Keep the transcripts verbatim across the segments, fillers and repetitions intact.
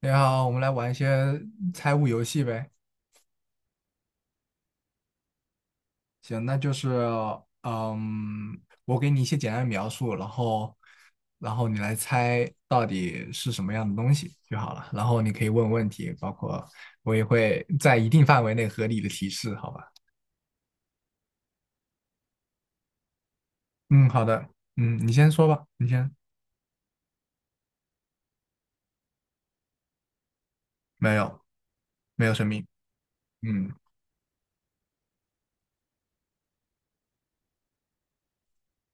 你好，我们来玩一些猜物游戏呗。行，那就是，嗯，我给你一些简单的描述，然后，然后你来猜到底是什么样的东西就好了。然后你可以问问题，包括我也会在一定范围内合理的提示，好吧？嗯，好的，嗯，你先说吧，你先。没有，没有生命。嗯，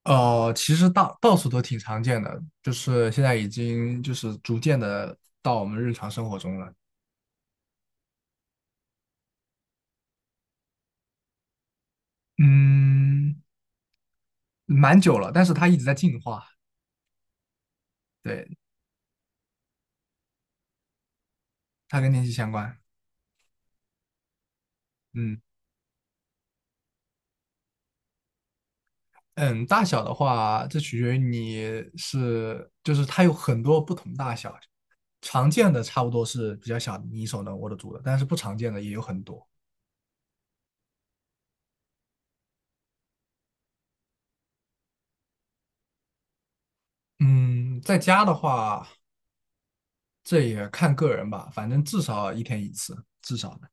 呃，其实到到处都挺常见的，就是现在已经就是逐渐的到我们日常生活中了。嗯。蛮久了，但是它一直在进化，对，它跟天气相关。嗯嗯，大小的话，这取决于你是，就是它有很多不同大小，常见的差不多是比较小的，你手能握得住的，但是不常见的也有很多。嗯，在家的话，这也看个人吧，反正至少一天一次，至少的。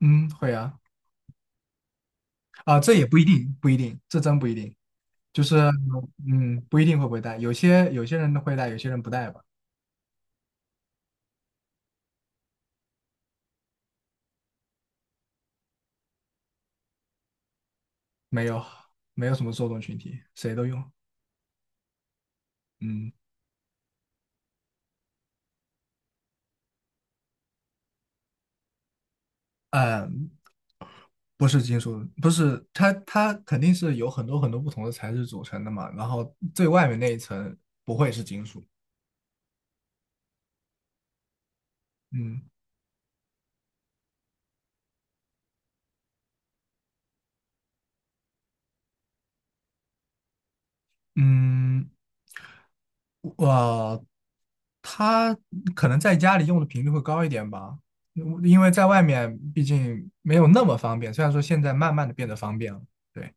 嗯，会啊，啊，这也不一定，不一定，这真不一定，就是嗯，不一定会不会带，有些有些人会带，有些人不带吧。没有，没有什么受众群体，谁都用。嗯嗯，不是金属，不是它，它肯定是有很多很多不同的材质组成的嘛。然后最外面那一层不会是金属。嗯嗯，我它可能在家里用的频率会高一点吧，因为在外面毕竟没有那么方便。虽然说现在慢慢的变得方便了。对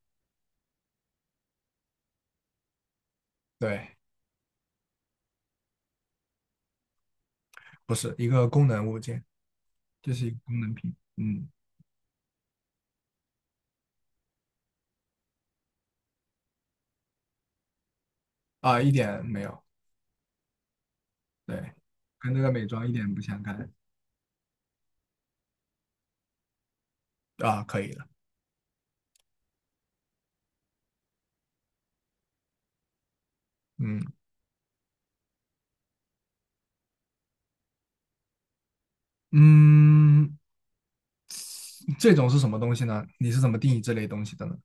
对，不是一个功能物件，这是一个功能品。嗯啊，一点没有。对，跟这个美妆一点不相干啊，可以的，嗯嗯，这种是什么东西呢？你是怎么定义这类东西的呢？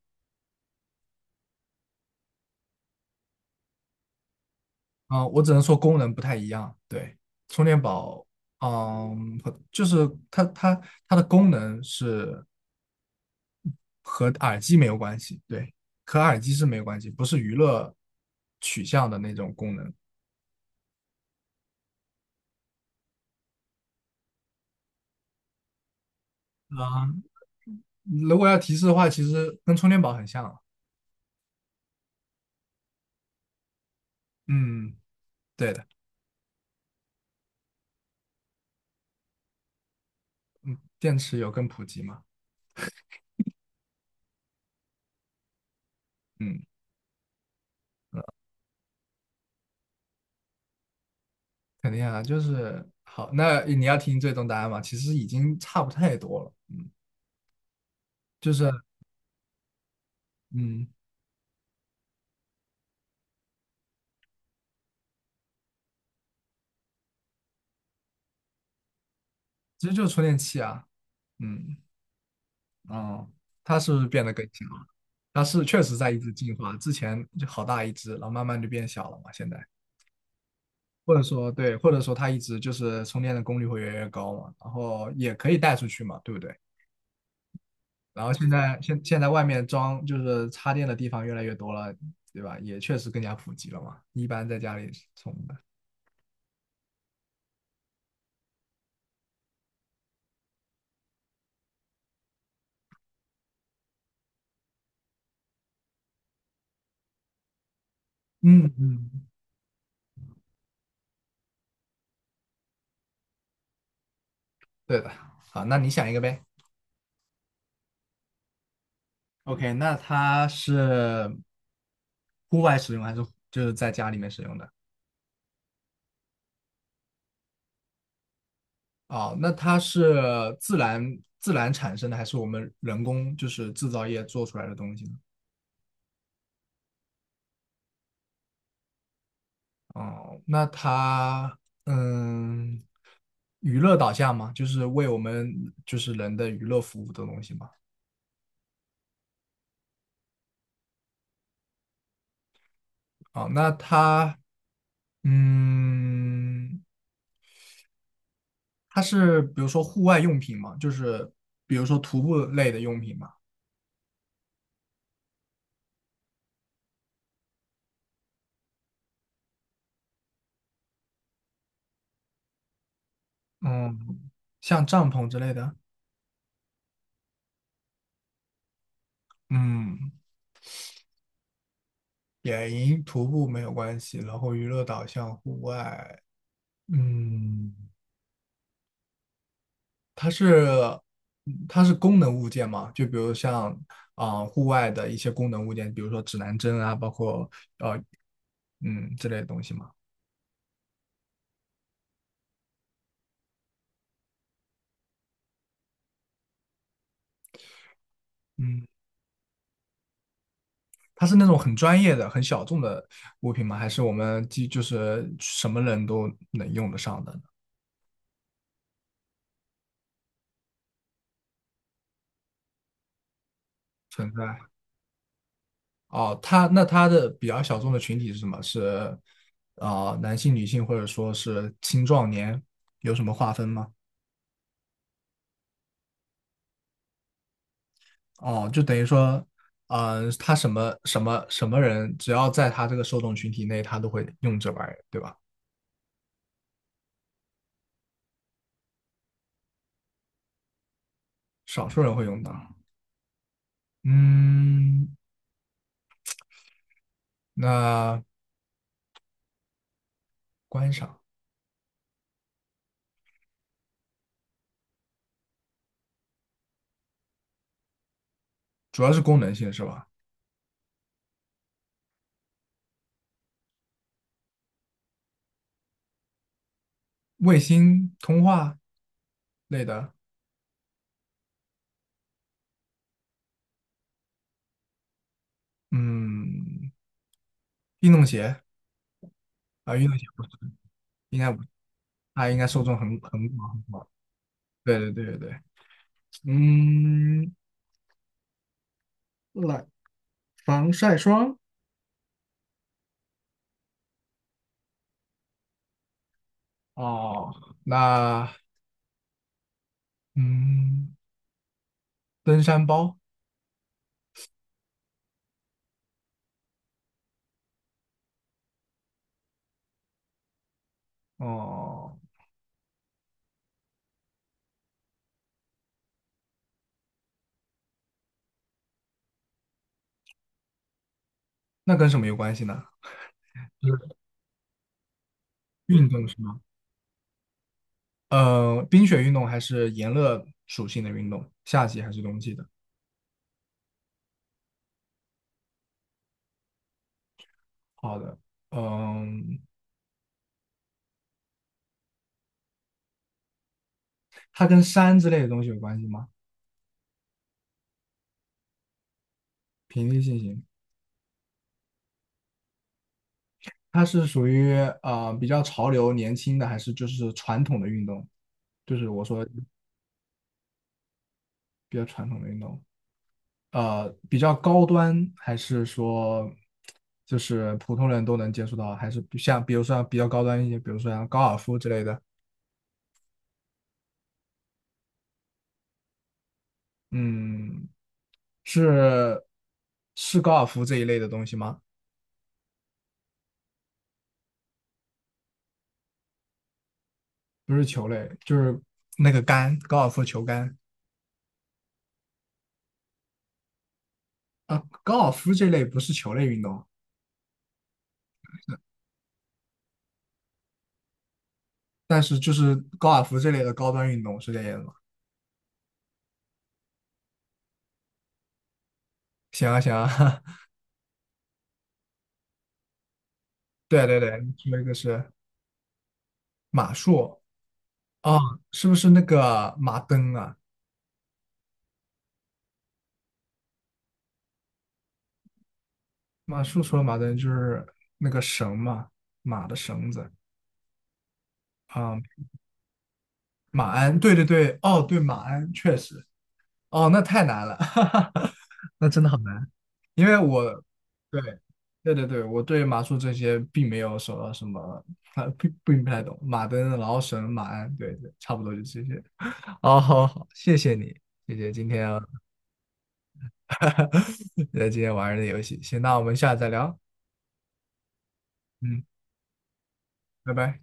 啊，我只能说功能不太一样，对，充电宝，嗯，和就是它它它的功能是和耳机没有关系，对，和耳机是没有关系，不是娱乐取向的那种功能啊。如果要提示的话，其实跟充电宝很像，嗯，对的，电池有更普及嘛，嗯。肯定啊，就是好。那你要听最终答案嘛？其实已经差不太多了，嗯，就是嗯，其实就是充电器啊，嗯哦，它是不是变得更小了？它是确实在一直进化，之前就好大一只，然后慢慢就变小了嘛，现在。或者说对，或者说它一直就是充电的功率会越来越高嘛，然后也可以带出去嘛，对不对？然后现在现现在外面装就是插电的地方越来越多了，对吧？也确实更加普及了嘛，一般在家里充的。嗯嗯，对的，好，那你想一个呗。OK，那它是户外使用还是就是在家里面使用的？哦，那它是自然自然产生的，还是我们人工就是制造业做出来的东西呢？哦，那它嗯，娱乐导向吗？就是为我们就是人的娱乐服务的东西吗？哦，那它嗯，它是比如说户外用品吗？就是比如说徒步类的用品吗？嗯，像帐篷之类的，嗯，野营徒步没有关系，然后娱乐导向户外，嗯，它是嗯它是功能物件嘛，就比如像啊、户外的一些功能物件，比如说指南针啊，包括嗯之类的东西嘛，嗯，它是那种很专业的、很小众的物品吗？还是我们既就是什么人都能用得上的呢存在？哦，他那他的比较小众的群体是什么？是啊、呃男性、女性，或者说是青壮年，有什么划分吗？哦，就等于说，嗯、他什么什么什么人，只要在他这个受众群体内，他都会用这玩意儿，对吧？少数人会用到。嗯，那观赏主要是功能性是吧？卫星通话类的，嗯，运动鞋啊、运动鞋不是，应该不，它应该受众很很广。对对对对对，嗯，来，防晒霜哦，那嗯，登山包哦，那跟什么有关系呢？是运动是吗？呃，冰雪运动还是炎热属性的运动？夏季还是冬季的？好的，嗯，它跟山之类的东西有关系吗？平地进行，它是属于呃比较潮流、年轻的，还是就是传统的运动？就是我说比较传统的运动。呃比较高端，还是说就是普通人都能接触到？还是比像比如说比较高端一些，比如说像高尔夫之类的？嗯，是是高尔夫这一类的东西吗？不是球类，就是那个杆，高尔夫球杆啊，高尔夫这类不是球类运动，但是就是高尔夫这类的高端运动是这样的吗？行啊行啊，对对对，你说一个是马术啊，是不是那个马灯啊？马术除了马灯就是那个绳嘛，马的绳子啊、马鞍，对对对，哦，对，马鞍确实，哦，那太难了，哈哈，那真的好难，因为我，对，对对对，我对马术这些并没有什么什么，啊，并并不太懂，马灯，然后绳，马鞍，对对，差不多就这些。哦，好好，谢谢你，谢谢今天，哈哈，今天玩儿的游戏，行，那我们下次再聊，嗯，拜拜。